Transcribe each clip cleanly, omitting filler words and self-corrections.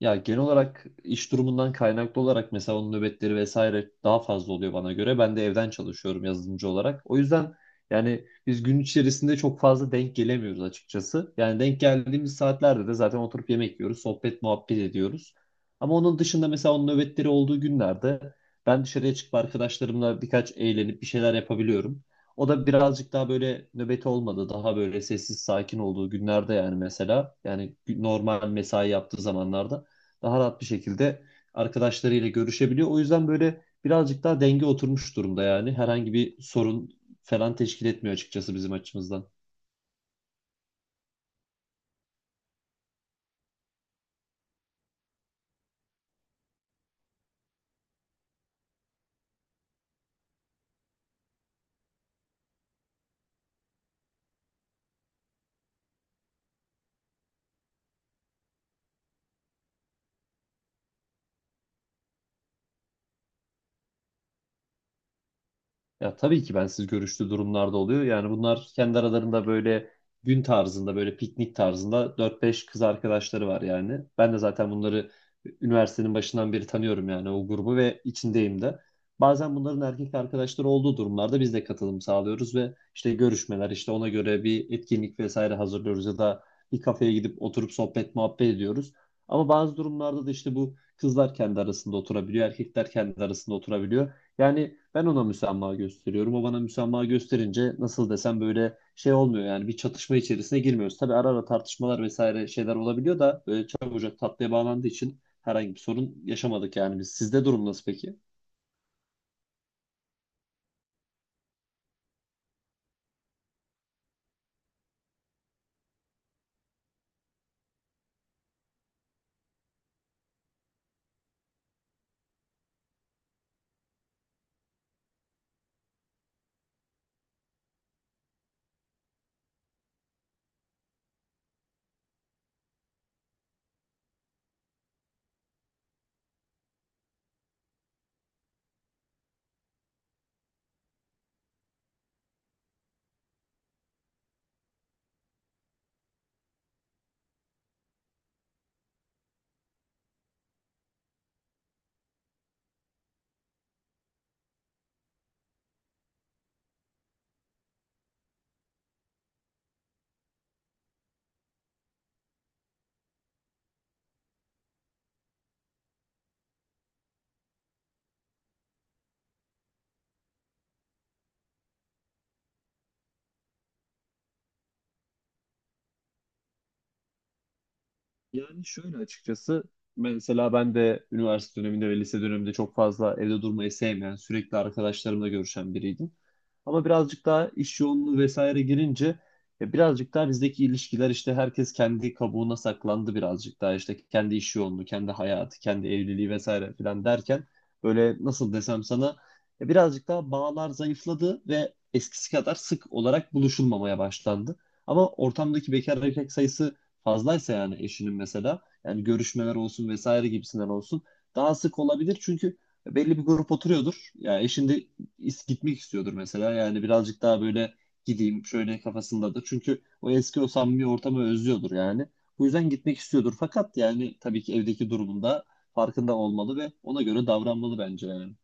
Ya genel olarak iş durumundan kaynaklı olarak mesela onun nöbetleri vesaire daha fazla oluyor bana göre. Ben de evden çalışıyorum yazılımcı olarak. O yüzden yani biz gün içerisinde çok fazla denk gelemiyoruz açıkçası. Yani denk geldiğimiz saatlerde de zaten oturup yemek yiyoruz, sohbet muhabbet ediyoruz. Ama onun dışında mesela onun nöbetleri olduğu günlerde ben dışarıya çıkıp arkadaşlarımla birkaç eğlenip bir şeyler yapabiliyorum. O da birazcık daha böyle nöbeti olmadı. Daha böyle sessiz sakin olduğu günlerde yani mesela yani normal mesai yaptığı zamanlarda daha rahat bir şekilde arkadaşlarıyla görüşebiliyor. O yüzden böyle birazcık daha denge oturmuş durumda yani. Herhangi bir sorun falan teşkil etmiyor açıkçası bizim açımızdan. Ya tabii ki bensiz görüştüğü durumlarda oluyor. Yani bunlar kendi aralarında böyle gün tarzında, böyle piknik tarzında dört beş kız arkadaşları var yani. Ben de zaten bunları üniversitenin başından beri tanıyorum yani, o grubu ve içindeyim de. Bazen bunların erkek arkadaşları olduğu durumlarda biz de katılım sağlıyoruz ve işte görüşmeler, işte ona göre bir etkinlik vesaire hazırlıyoruz ya da bir kafeye gidip oturup sohbet muhabbet ediyoruz. Ama bazı durumlarda da işte bu kızlar kendi arasında oturabiliyor, erkekler kendi arasında oturabiliyor. Yani ben ona müsamaha gösteriyorum. O bana müsamaha gösterince nasıl desem, böyle şey olmuyor yani, bir çatışma içerisine girmiyoruz. Tabii ara ara tartışmalar vesaire şeyler olabiliyor da böyle çabucak tatlıya bağlandığı için herhangi bir sorun yaşamadık yani biz. Sizde durum nasıl peki? Yani şöyle açıkçası, mesela ben de üniversite döneminde ve lise döneminde çok fazla evde durmayı sevmeyen, sürekli arkadaşlarımla görüşen biriydim. Ama birazcık daha iş yoğunluğu vesaire girince birazcık daha bizdeki ilişkiler, işte herkes kendi kabuğuna saklandı, birazcık daha işte kendi iş yoğunluğu, kendi hayatı, kendi evliliği vesaire filan derken böyle nasıl desem sana, birazcık daha bağlar zayıfladı ve eskisi kadar sık olarak buluşulmamaya başlandı. Ama ortamdaki bekar erkek sayısı fazlaysa, yani eşinin mesela yani görüşmeler olsun vesaire gibisinden olsun daha sık olabilir, çünkü belli bir grup oturuyordur. Ya eşin de gitmek istiyordur mesela, yani birazcık daha böyle gideyim şöyle kafasındadır. Çünkü o eski, o samimi ortamı özlüyordur yani. Bu yüzden gitmek istiyordur, fakat yani tabii ki evdeki durumunda farkında olmalı ve ona göre davranmalı bence yani.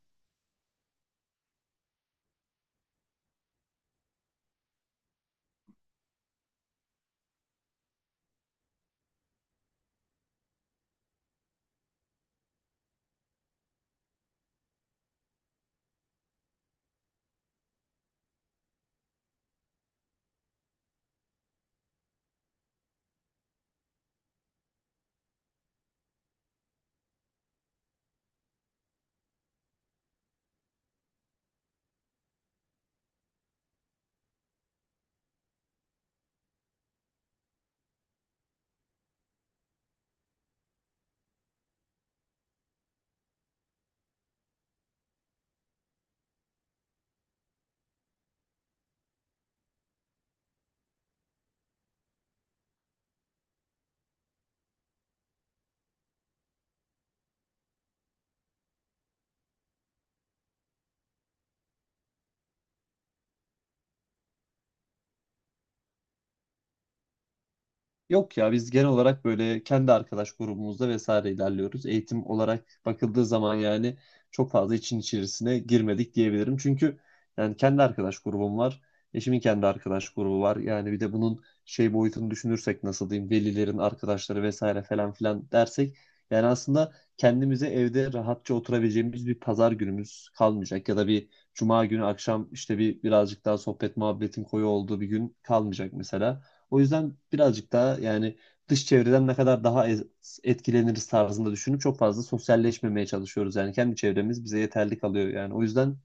Yok ya, biz genel olarak böyle kendi arkadaş grubumuzda vesaire ilerliyoruz. Eğitim olarak bakıldığı zaman yani çok fazla için içerisine girmedik diyebilirim. Çünkü yani kendi arkadaş grubum var. Eşimin kendi arkadaş grubu var. Yani bir de bunun şey boyutunu düşünürsek, nasıl diyeyim, velilerin arkadaşları vesaire falan filan dersek yani aslında kendimize evde rahatça oturabileceğimiz bir pazar günümüz kalmayacak ya da bir cuma günü akşam işte bir birazcık daha sohbet muhabbetin koyu olduğu bir gün kalmayacak mesela. O yüzden birazcık daha yani dış çevreden ne kadar daha etkileniriz tarzında düşünüp çok fazla sosyalleşmemeye çalışıyoruz. Yani kendi çevremiz bize yeterli kalıyor. Yani o yüzden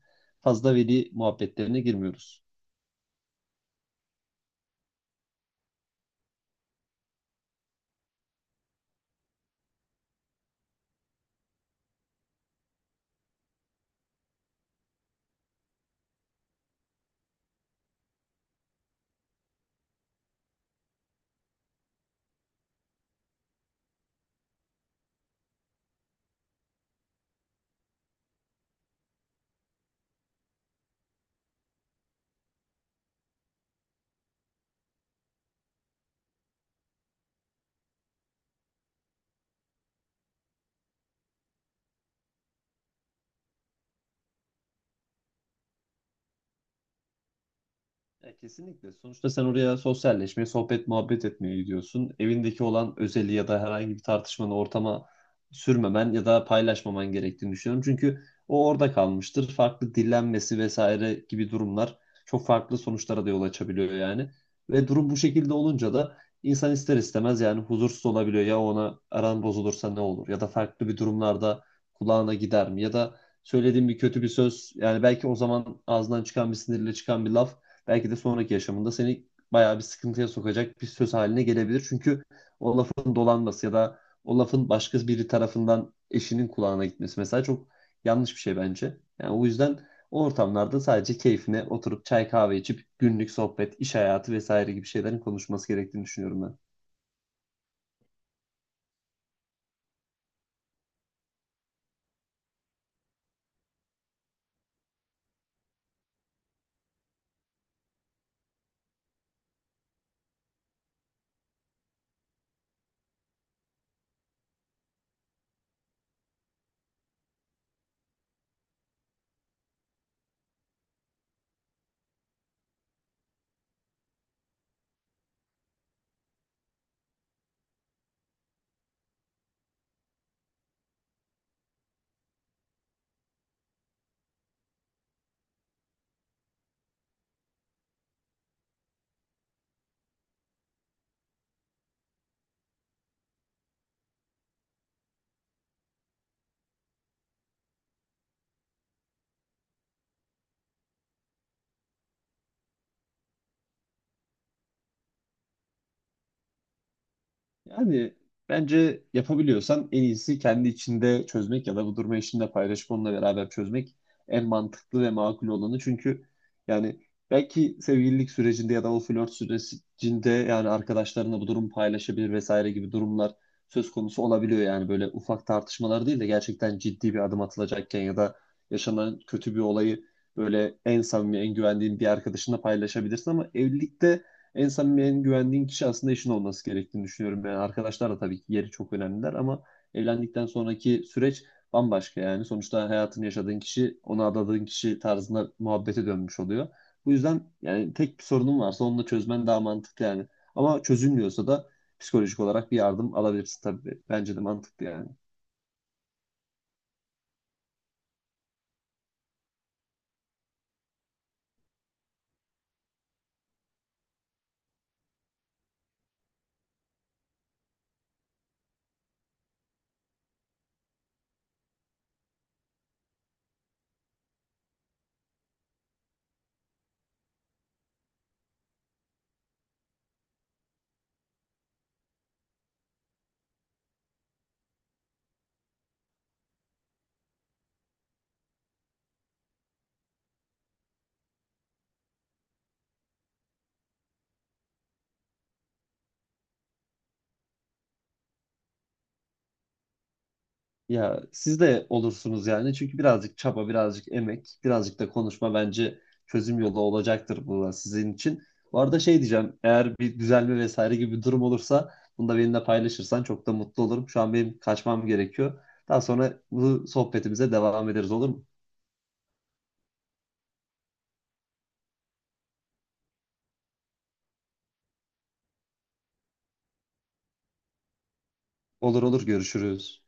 fazla veli muhabbetlerine girmiyoruz. Ya kesinlikle. Sonuçta sen oraya sosyalleşmeye, sohbet, muhabbet etmeye gidiyorsun. Evindeki olan özeli ya da herhangi bir tartışmanı ortama sürmemen ya da paylaşmaman gerektiğini düşünüyorum. Çünkü o orada kalmıştır. Farklı dillenmesi vesaire gibi durumlar çok farklı sonuçlara da yol açabiliyor yani. Ve durum bu şekilde olunca da insan ister istemez yani huzursuz olabiliyor. Ya ona aran bozulursa ne olur? Ya da farklı bir durumlarda kulağına gider mi? Ya da söylediğim bir kötü bir söz, yani belki o zaman ağzından çıkan bir sinirle çıkan bir laf belki de sonraki yaşamında seni bayağı bir sıkıntıya sokacak bir söz haline gelebilir. Çünkü o lafın dolanması ya da o lafın başka biri tarafından eşinin kulağına gitmesi mesela çok yanlış bir şey bence. Yani o yüzden o ortamlarda sadece keyfine oturup çay kahve içip günlük sohbet, iş hayatı vesaire gibi şeylerin konuşması gerektiğini düşünüyorum ben. Yani bence yapabiliyorsan en iyisi kendi içinde çözmek ya da bu durumu eşinle paylaşıp onunla beraber çözmek en mantıklı ve makul olanı. Çünkü yani belki sevgililik sürecinde ya da o flört sürecinde yani arkadaşlarına bu durumu paylaşabilir vesaire gibi durumlar söz konusu olabiliyor. Yani böyle ufak tartışmalar değil de gerçekten ciddi bir adım atılacakken ya da yaşanan kötü bir olayı böyle en samimi, en güvendiğin bir arkadaşınla paylaşabilirsin, ama evlilikte en samimi, en güvendiğin kişi aslında eşin olması gerektiğini düşünüyorum. Yani arkadaşlar da tabii ki yeri çok önemliler, ama evlendikten sonraki süreç bambaşka yani. Sonuçta hayatını yaşadığın kişi, ona adadığın kişi tarzında muhabbete dönmüş oluyor. Bu yüzden yani tek bir sorunun varsa onu da çözmen daha mantıklı yani. Ama çözülmüyorsa da psikolojik olarak bir yardım alabilirsin tabii. Bence de mantıklı yani. Ya siz de olursunuz yani. Çünkü birazcık çaba, birazcık emek, birazcık da konuşma bence çözüm yolu olacaktır bu da sizin için. Bu arada şey diyeceğim. Eğer bir düzelme vesaire gibi bir durum olursa bunu da benimle paylaşırsan çok da mutlu olurum. Şu an benim kaçmam gerekiyor. Daha sonra bu sohbetimize devam ederiz, olur mu? Olur olur, görüşürüz.